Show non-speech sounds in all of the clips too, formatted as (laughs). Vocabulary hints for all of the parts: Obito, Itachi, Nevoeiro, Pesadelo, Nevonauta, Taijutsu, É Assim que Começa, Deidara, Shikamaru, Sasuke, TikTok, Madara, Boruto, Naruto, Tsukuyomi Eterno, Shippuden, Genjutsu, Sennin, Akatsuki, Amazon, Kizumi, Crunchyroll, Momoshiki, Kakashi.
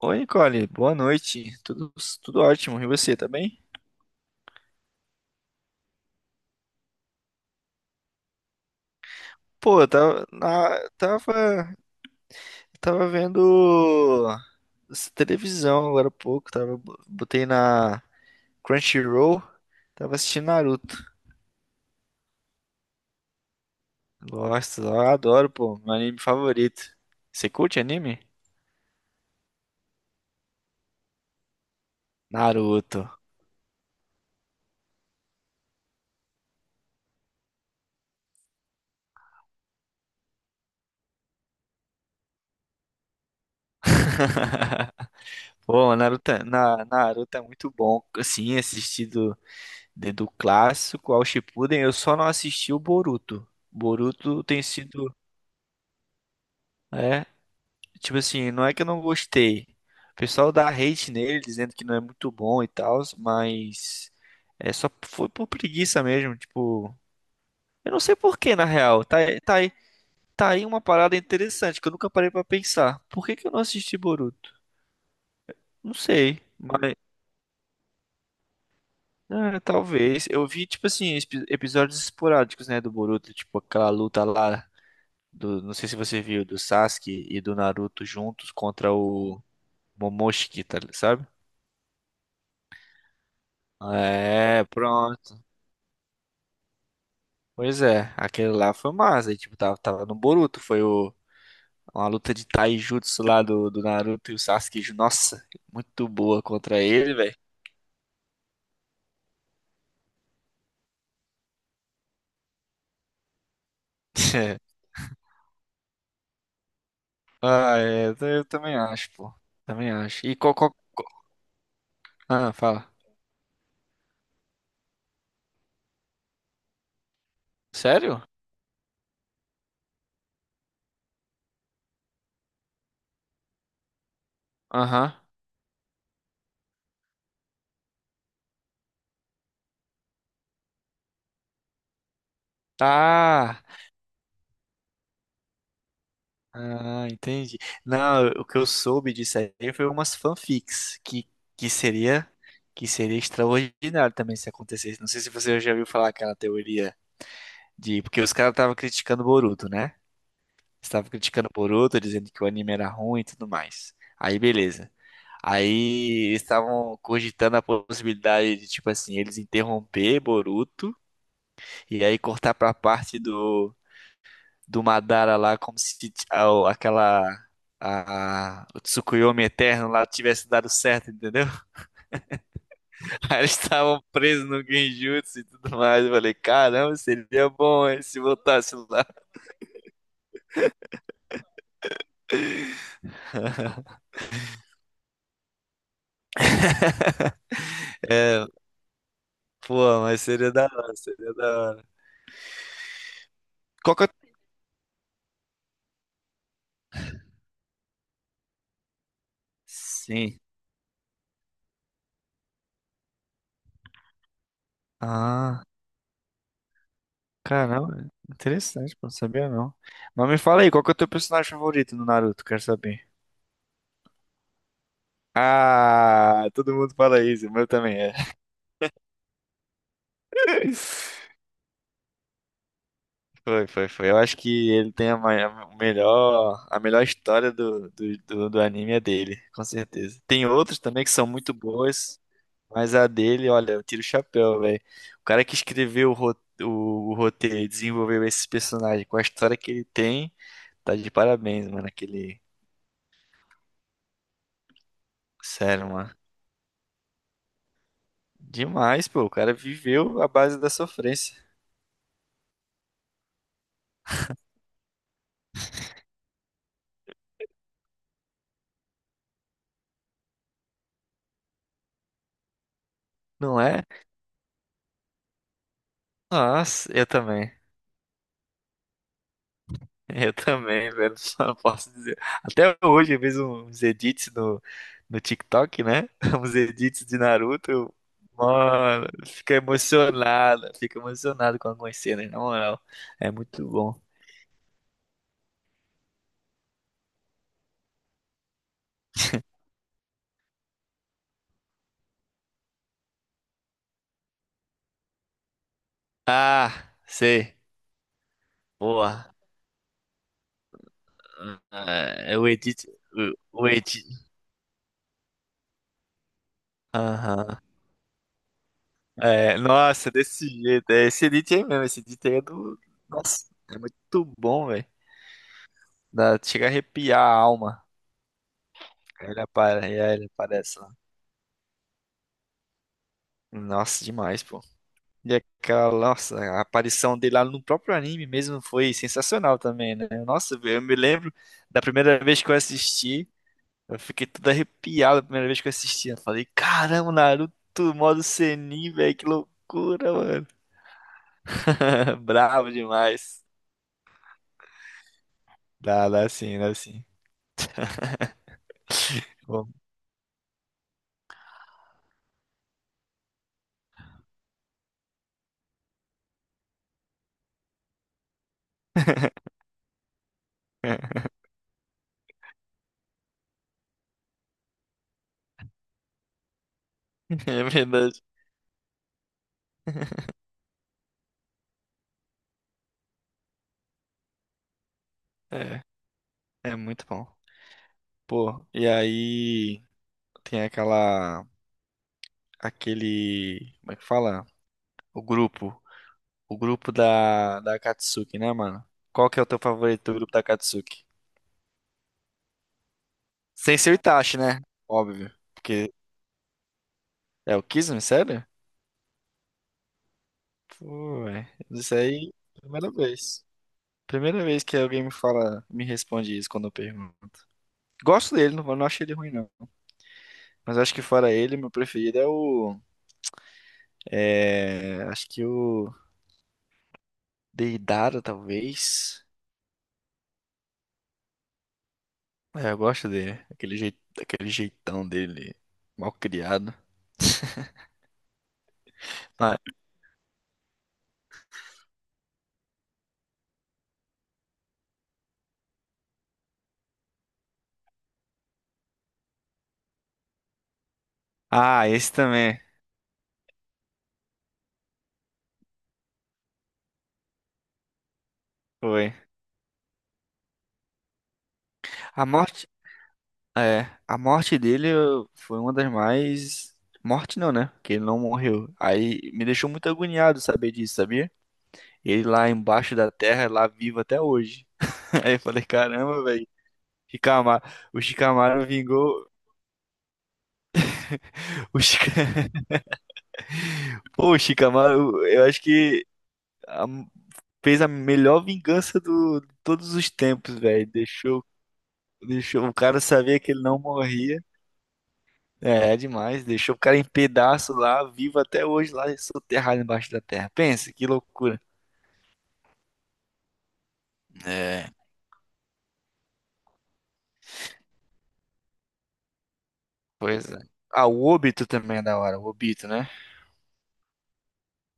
Oi, Nicole, boa noite. Tudo ótimo. E você, tá bem? Pô, eu tava vendo televisão agora há pouco. Botei na Crunchyroll, tava assistindo Naruto. Gosto, eu adoro, pô, meu anime favorito. Você curte anime? Naruto. (laughs) Pô, Naruto é muito bom, assim, assistido do clássico ao Shippuden, eu só não assisti o Boruto. Boruto tem sido. É, tipo assim, não é que eu não gostei. O pessoal dá hate nele, dizendo que não é muito bom e tal, mas é só foi por preguiça mesmo, tipo, eu não sei por que na real. Tá aí uma parada interessante que eu nunca parei pra pensar. Por que que eu não assisti Boruto? Não sei, mas talvez. Eu vi tipo assim episódios esporádicos, né, do Boruto, tipo aquela luta lá do, não sei se você viu, do Sasuke e do Naruto juntos contra o Momoshiki, tá, sabe? É, pronto. Pois é, aquele lá foi massa. E, tipo, tava no Boruto. Foi uma luta de Taijutsu lá do Naruto e o Sasuke. Nossa, muito boa contra ele, velho. (laughs) Ah, é, eu também acho, pô. Também acho. E Ah, fala. Sério? Aham. Ah, ah, entendi. Não, o que eu soube disso aí foi umas fanfics que seria que seria extraordinário também se acontecesse. Não sei se você já ouviu falar aquela teoria. De, porque os caras estavam criticando o Boruto, né? Estavam criticando o Boruto, dizendo que o anime era ruim e tudo mais. Aí, beleza. Aí eles estavam cogitando a possibilidade de, tipo assim, eles interromper Boruto e aí cortar pra parte do, do Madara lá, como se aquela, o Tsukuyomi Eterno lá tivesse dado certo, entendeu? (laughs) Aí eles estavam presos no Genjutsu e tudo mais. Eu falei, caramba, seria bom hein, se voltasse lá. É, pô, mas seria da hora, seria da hora. Qual que é. Sim. Ah, caramba. Interessante, pô, não sabia não. Mas me fala aí, qual que é o teu personagem favorito no Naruto? Quero saber. Ah, todo mundo fala isso, o meu também é. (laughs) Foi, foi, foi. Eu acho que ele tem a melhor história do anime é dele, com certeza. Tem outros também que são muito boas. Mas a dele, olha, eu tiro o chapéu, velho. O cara que escreveu o roteiro e desenvolveu esse personagem com a história que ele tem, tá de parabéns, mano. Aquele. Sério, mano. Demais, pô. O cara viveu a base da sofrência, não é? Nossa, eu também. (laughs) Eu também, velho. (laughs) Só posso dizer. Até hoje eu vejo uns edits no TikTok, né? (laughs) Uns edits de Naruto. Mano, fica emocionado. Fica emocionado com algumas cenas, na moral. É muito bom. Ah, sei. Boa. É, o Edit. O Edit. Aham. É, nossa, desse jeito. É, esse Edit aí mesmo. Esse Edit aí é do. Nossa, é muito bom, velho. Chega a arrepiar a alma. Aí ele aparece lá. Nossa, demais, pô. E aquela, nossa, a aparição dele lá no próprio anime mesmo foi sensacional também, né? Nossa, eu me lembro da primeira vez que eu assisti. Eu fiquei todo arrepiado a primeira vez que eu assisti. Eu falei, caramba, Naruto, modo Sennin, velho, que loucura, mano. (laughs) Bravo demais. Dá sim, dá sim. Bom, (laughs) é verdade. É muito bom. Pô, e aí tem aquele, como é que fala? O grupo, o grupo da Akatsuki, né, mano? Qual que é o teu favorito do grupo da Akatsuki? Sem ser o Itachi, né? Óbvio. Porque é o Kizumi, sério? Pô, é. Isso aí, primeira vez. Primeira vez que alguém me fala, me responde isso quando eu pergunto. Gosto dele, não, não acho ele ruim, não. Mas acho que fora ele, meu preferido é o. É. Acho que o Deidara, talvez. É, eu gosto dele. Aquele jeito, aquele jeitão dele, mal criado. Ah, ah, esse também. Foi. A morte. É. A morte dele foi uma das mais. Morte não, né? Porque ele não morreu. Aí me deixou muito agoniado saber disso, sabia? Ele lá embaixo da terra, lá vivo até hoje. (laughs) Aí eu falei, caramba, velho. Shikamaru, o Shikamaru vingou. O Shik. (laughs) Pô, o Shikamaru, eu acho que a- fez a melhor vingança do de todos os tempos, velho. Deixou o cara sabia que ele não morria. É demais. Deixou o cara em pedaço lá, vivo até hoje, lá soterrado embaixo da terra. Pensa, que loucura. É, pois é. Ah, o Obito também é da hora, o Obito, né?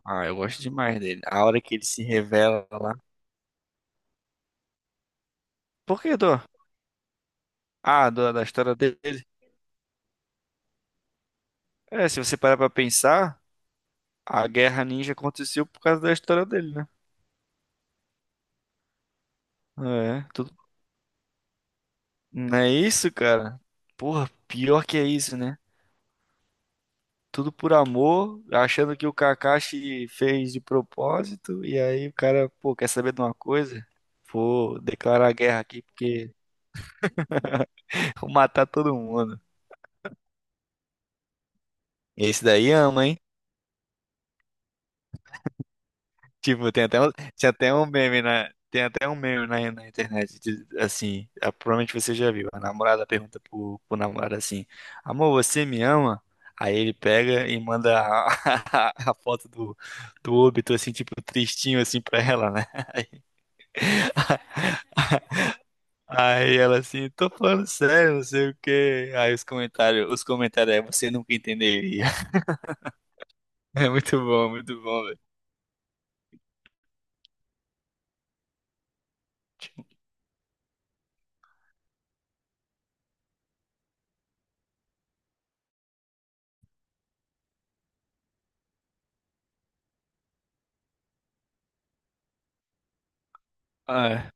Ah, eu gosto demais dele. A hora que ele se revela lá. Por que do? Ah, da história dele. É, se você parar pra pensar, a Guerra Ninja aconteceu por causa da história dele, né? É, tudo. Não é isso, cara? Porra, pior que é isso, né? Tudo por amor, achando que o Kakashi fez de propósito, e aí o cara, pô, quer saber de uma coisa? Vou declarar guerra aqui porque (laughs) vou matar todo mundo. Esse daí ama, hein? Tipo, tem até um meme na internet, assim, ah, provavelmente você já viu. A namorada pergunta pro, namorado assim: Amor, você me ama? Aí ele pega e manda a, (laughs) a foto do óbito, assim, tipo, tristinho, assim, pra ela, né? Aí ela assim, tô falando sério, não sei o quê. Aí os comentários é, você nunca entenderia. (laughs) É muito bom, velho. Ah,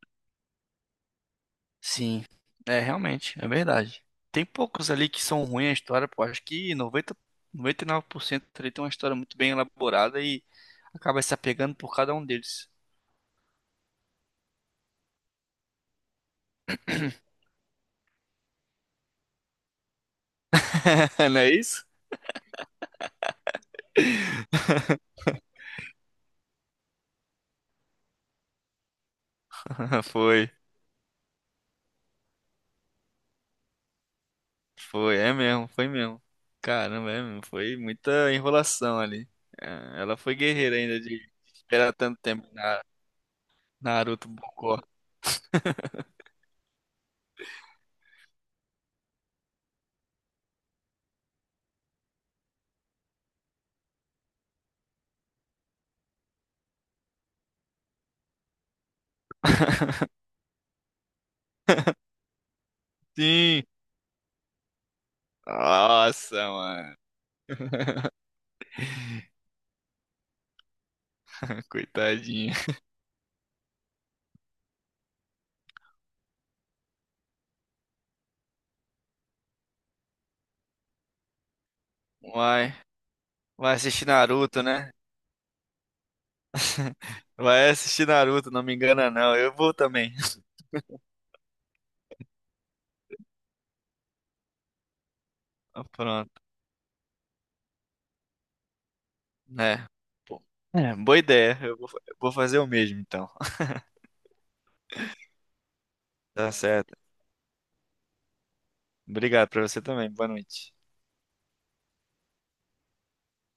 sim, é realmente, é verdade. Tem poucos ali que são ruins a história, pô. Acho que noventa e nove por cento ali tem uma história muito bem elaborada e acaba se apegando por cada um deles. (laughs) Não é isso? (laughs) Foi, foi, é mesmo, foi mesmo. Caramba, é mesmo, foi muita enrolação ali. É, ela foi guerreira ainda de esperar tanto tempo na. Naruto Bocó. Sim! Nossa, mano. (laughs) Coitadinha. Vai, vai assistir Naruto, né? Vai assistir Naruto, não me engana não. Eu vou também. (laughs) Ah, pronto, né? Pô, é, boa ideia. Eu vou fazer o mesmo então. Tá certo. Obrigado pra você também. Boa noite.